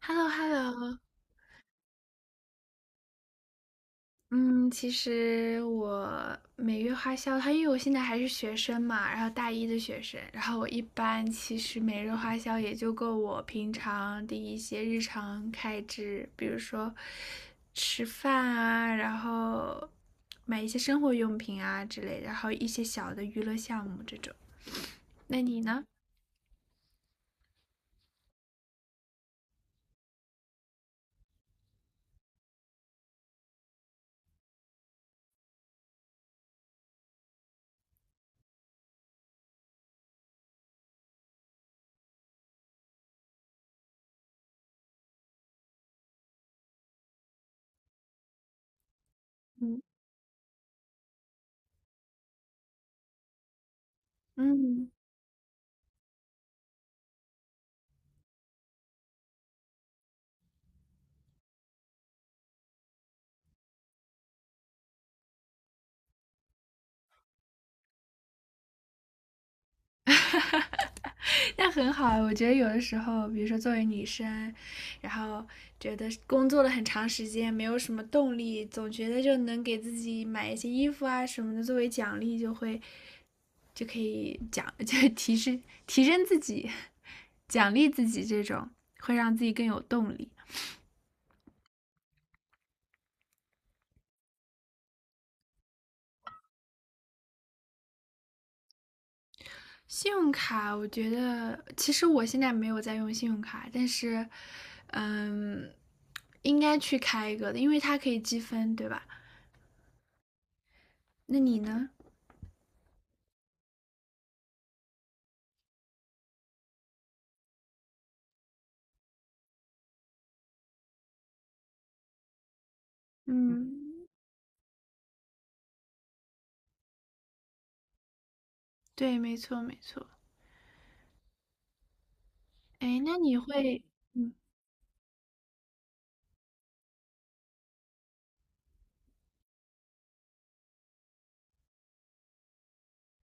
Hello，Hello，嗯，其实我每月花销，它因为我现在还是学生嘛，然后大一的学生，然后我一般其实每日花销也就够我平常的一些日常开支，比如说吃饭啊，然后买一些生活用品啊之类的，然后一些小的娱乐项目这种。那你呢？嗯嗯。那很好啊，我觉得有的时候，比如说作为女生，然后觉得工作了很长时间，没有什么动力，总觉得就能给自己买一些衣服啊什么的作为奖励，就会就可以奖，就提升自己，奖励自己，这种会让自己更有动力。信用卡，我觉得其实我现在没有在用信用卡，但是，嗯，应该去开一个的，因为它可以积分，对吧？那你呢？嗯，对，没错，没错。哎，那你会，嗯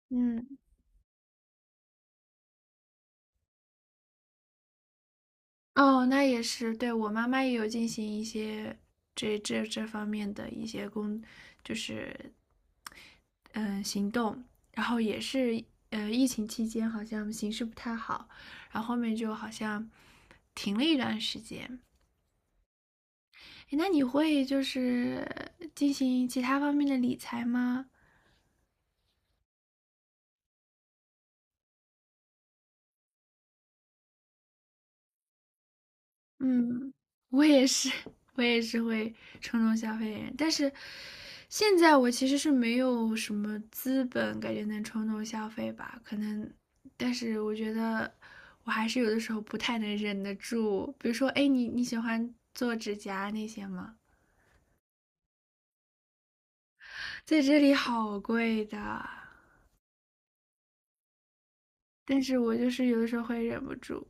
嗯，哦，那也是，对，我妈妈也有进行一些这方面的一些工，就是行动，然后也是疫情期间好像形势不太好，然后后面就好像停了一段时间。哎，那你会就是进行其他方面的理财吗？嗯，我也是，我也是会冲动消费的人，但是现在我其实是没有什么资本，感觉能冲动消费吧，可能，但是我觉得我还是有的时候不太能忍得住，比如说，哎，你喜欢做指甲那些吗？在这里好贵的，但是我就是有的时候会忍不住，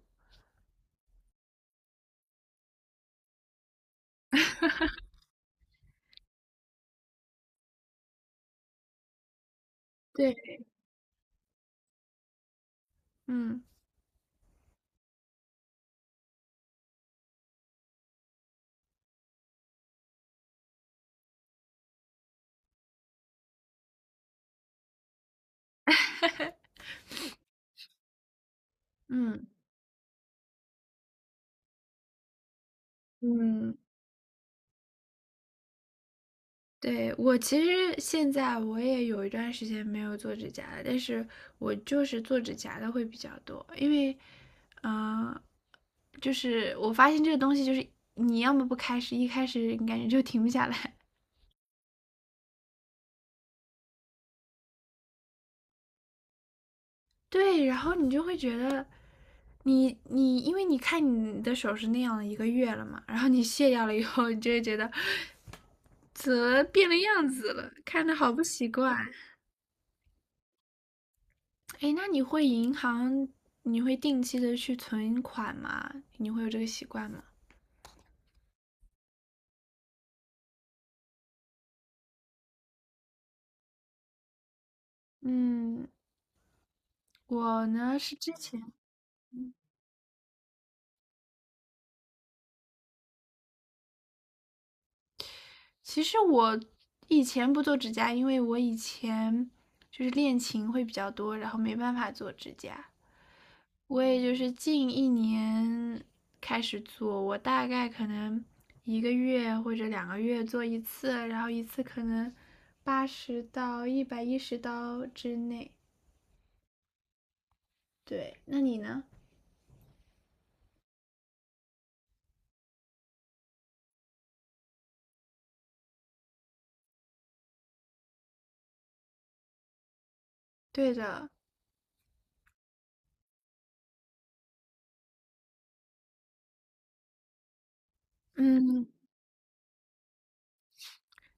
对，嗯嗯嗯。对，我其实现在我也有一段时间没有做指甲了，但是我就是做指甲的会比较多，因为，嗯、就是我发现这个东西，就是你要么不开始，一开始你感觉就停不下来，对，然后你就会觉得因为你看你的手是那样的一个月了嘛，然后你卸掉了以后，你就会觉得 怎么变了样子了，看着好不习惯。哎，那你会银行，你会定期的去存款吗？你会有这个习惯吗？嗯，我呢是之前，其实我以前不做指甲，因为我以前就是练琴会比较多，然后没办法做指甲。我也就是近1年开始做，我大概可能一个月或者2个月做一次，然后一次可能80到110刀之内。对，那你呢？对的。嗯，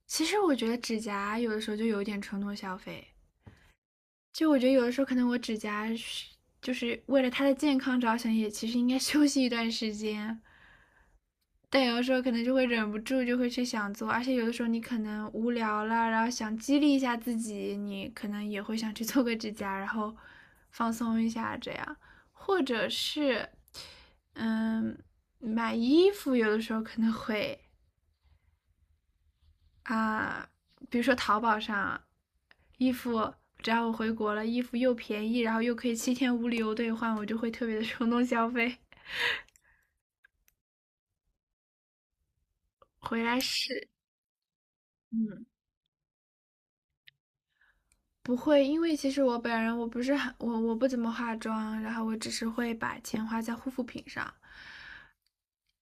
其实我觉得指甲有的时候就有一点冲动消费，就我觉得有的时候可能我指甲是就是为了它的健康着想，也其实应该 休息一段时间，但有的时候可能就会忍不住就会去想做，而且有的时候你可能无聊了，然后想激励一下自己，你可能也会想去做个指甲，然后放松一下这样，或者是嗯买衣服，有的时候可能会。啊，比如说淘宝上，衣服只要我回国了，衣服又便宜，然后又可以7天无理由兑换，我就会特别的冲动消费。回来试，嗯，不会，因为其实我本人我不是很我不怎么化妆，然后我只是会把钱花在护肤品上。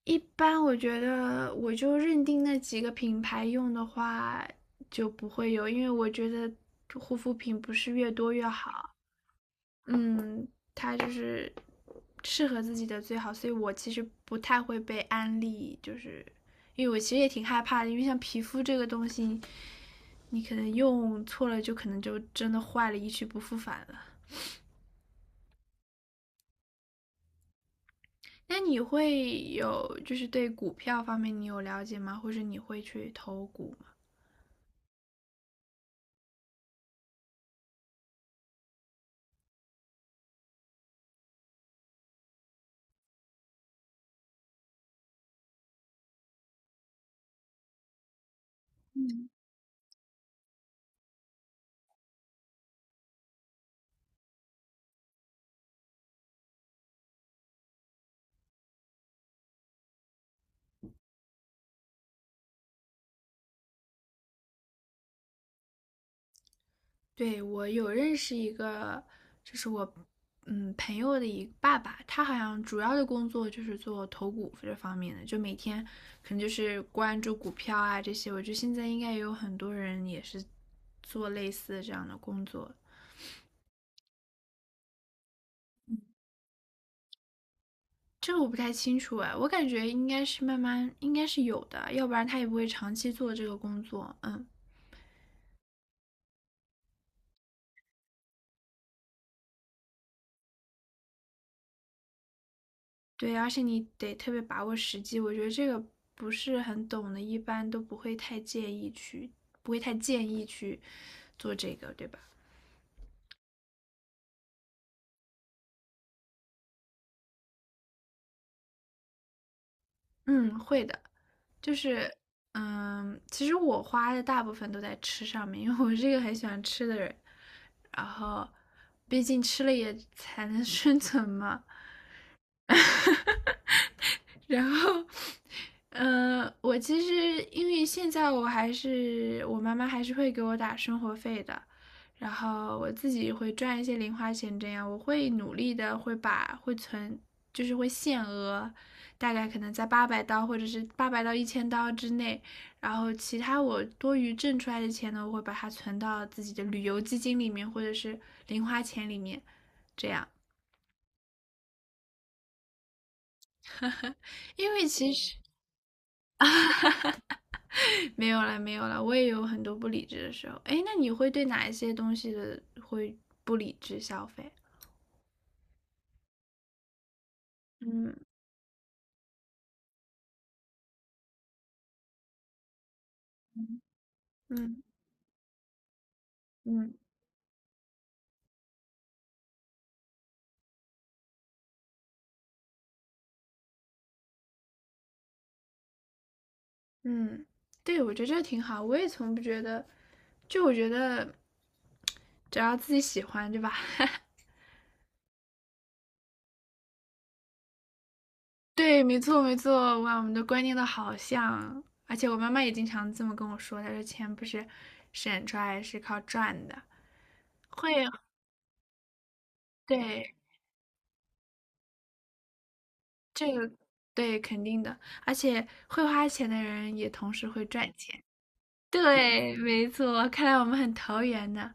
一般我觉得我就认定那几个品牌用的话就不会有，因为我觉得护肤品不是越多越好。嗯，他就是适合自己的最好，所以我其实不太会被安利，就是因为我其实也挺害怕的，因为像皮肤这个东西，你可能用错了，就可能就真的坏了，一去不复返了。那你会有就是对股票方面你有了解吗？或者你会去投股吗？对，我有认识一个，就是我朋友的一个爸爸，他好像主要的工作就是做投股这方面的，就每天可能就是关注股票啊这些。我觉得现在应该也有很多人也是做类似的这样的工作，这个我不太清楚哎，我感觉应该是慢慢应该是有的，要不然他也不会长期做这个工作。嗯，对，而且你得特别把握时机，我觉得这个不是很懂的，一般都不会太介意去，不会太建议去做这个，对吧？嗯，会的，就是，其实我花的大部分都在吃上面，因为我是一个很喜欢吃的人，然后，毕竟吃了也才能 生存嘛，然后，我其实因为现在我妈妈还是会给我打生活费的，然后我自己会赚一些零花钱，这样我会努力的会把会存，就是会限额，大概可能在800刀或者是800到1000刀之内，然后其他我多余挣出来的钱呢，我会把它存到自己的旅游基金里面或者是零花钱里面，这样，因为其实。没有啦，没有啦，我也有很多不理智的时候。哎，那你会对哪一些东西的会不理智消费？嗯嗯嗯嗯，对，我觉得这挺好。我也从不觉得，就我觉得只要自己喜欢，对吧？对，没错没错，哇，我们的观念都好像，而且我妈妈也经常这么跟我说，她说钱不是省出来，是靠赚的，会，对，这个对，肯定的，而且会花钱的人也同时会赚钱。对，没错，看来我们很投缘呢。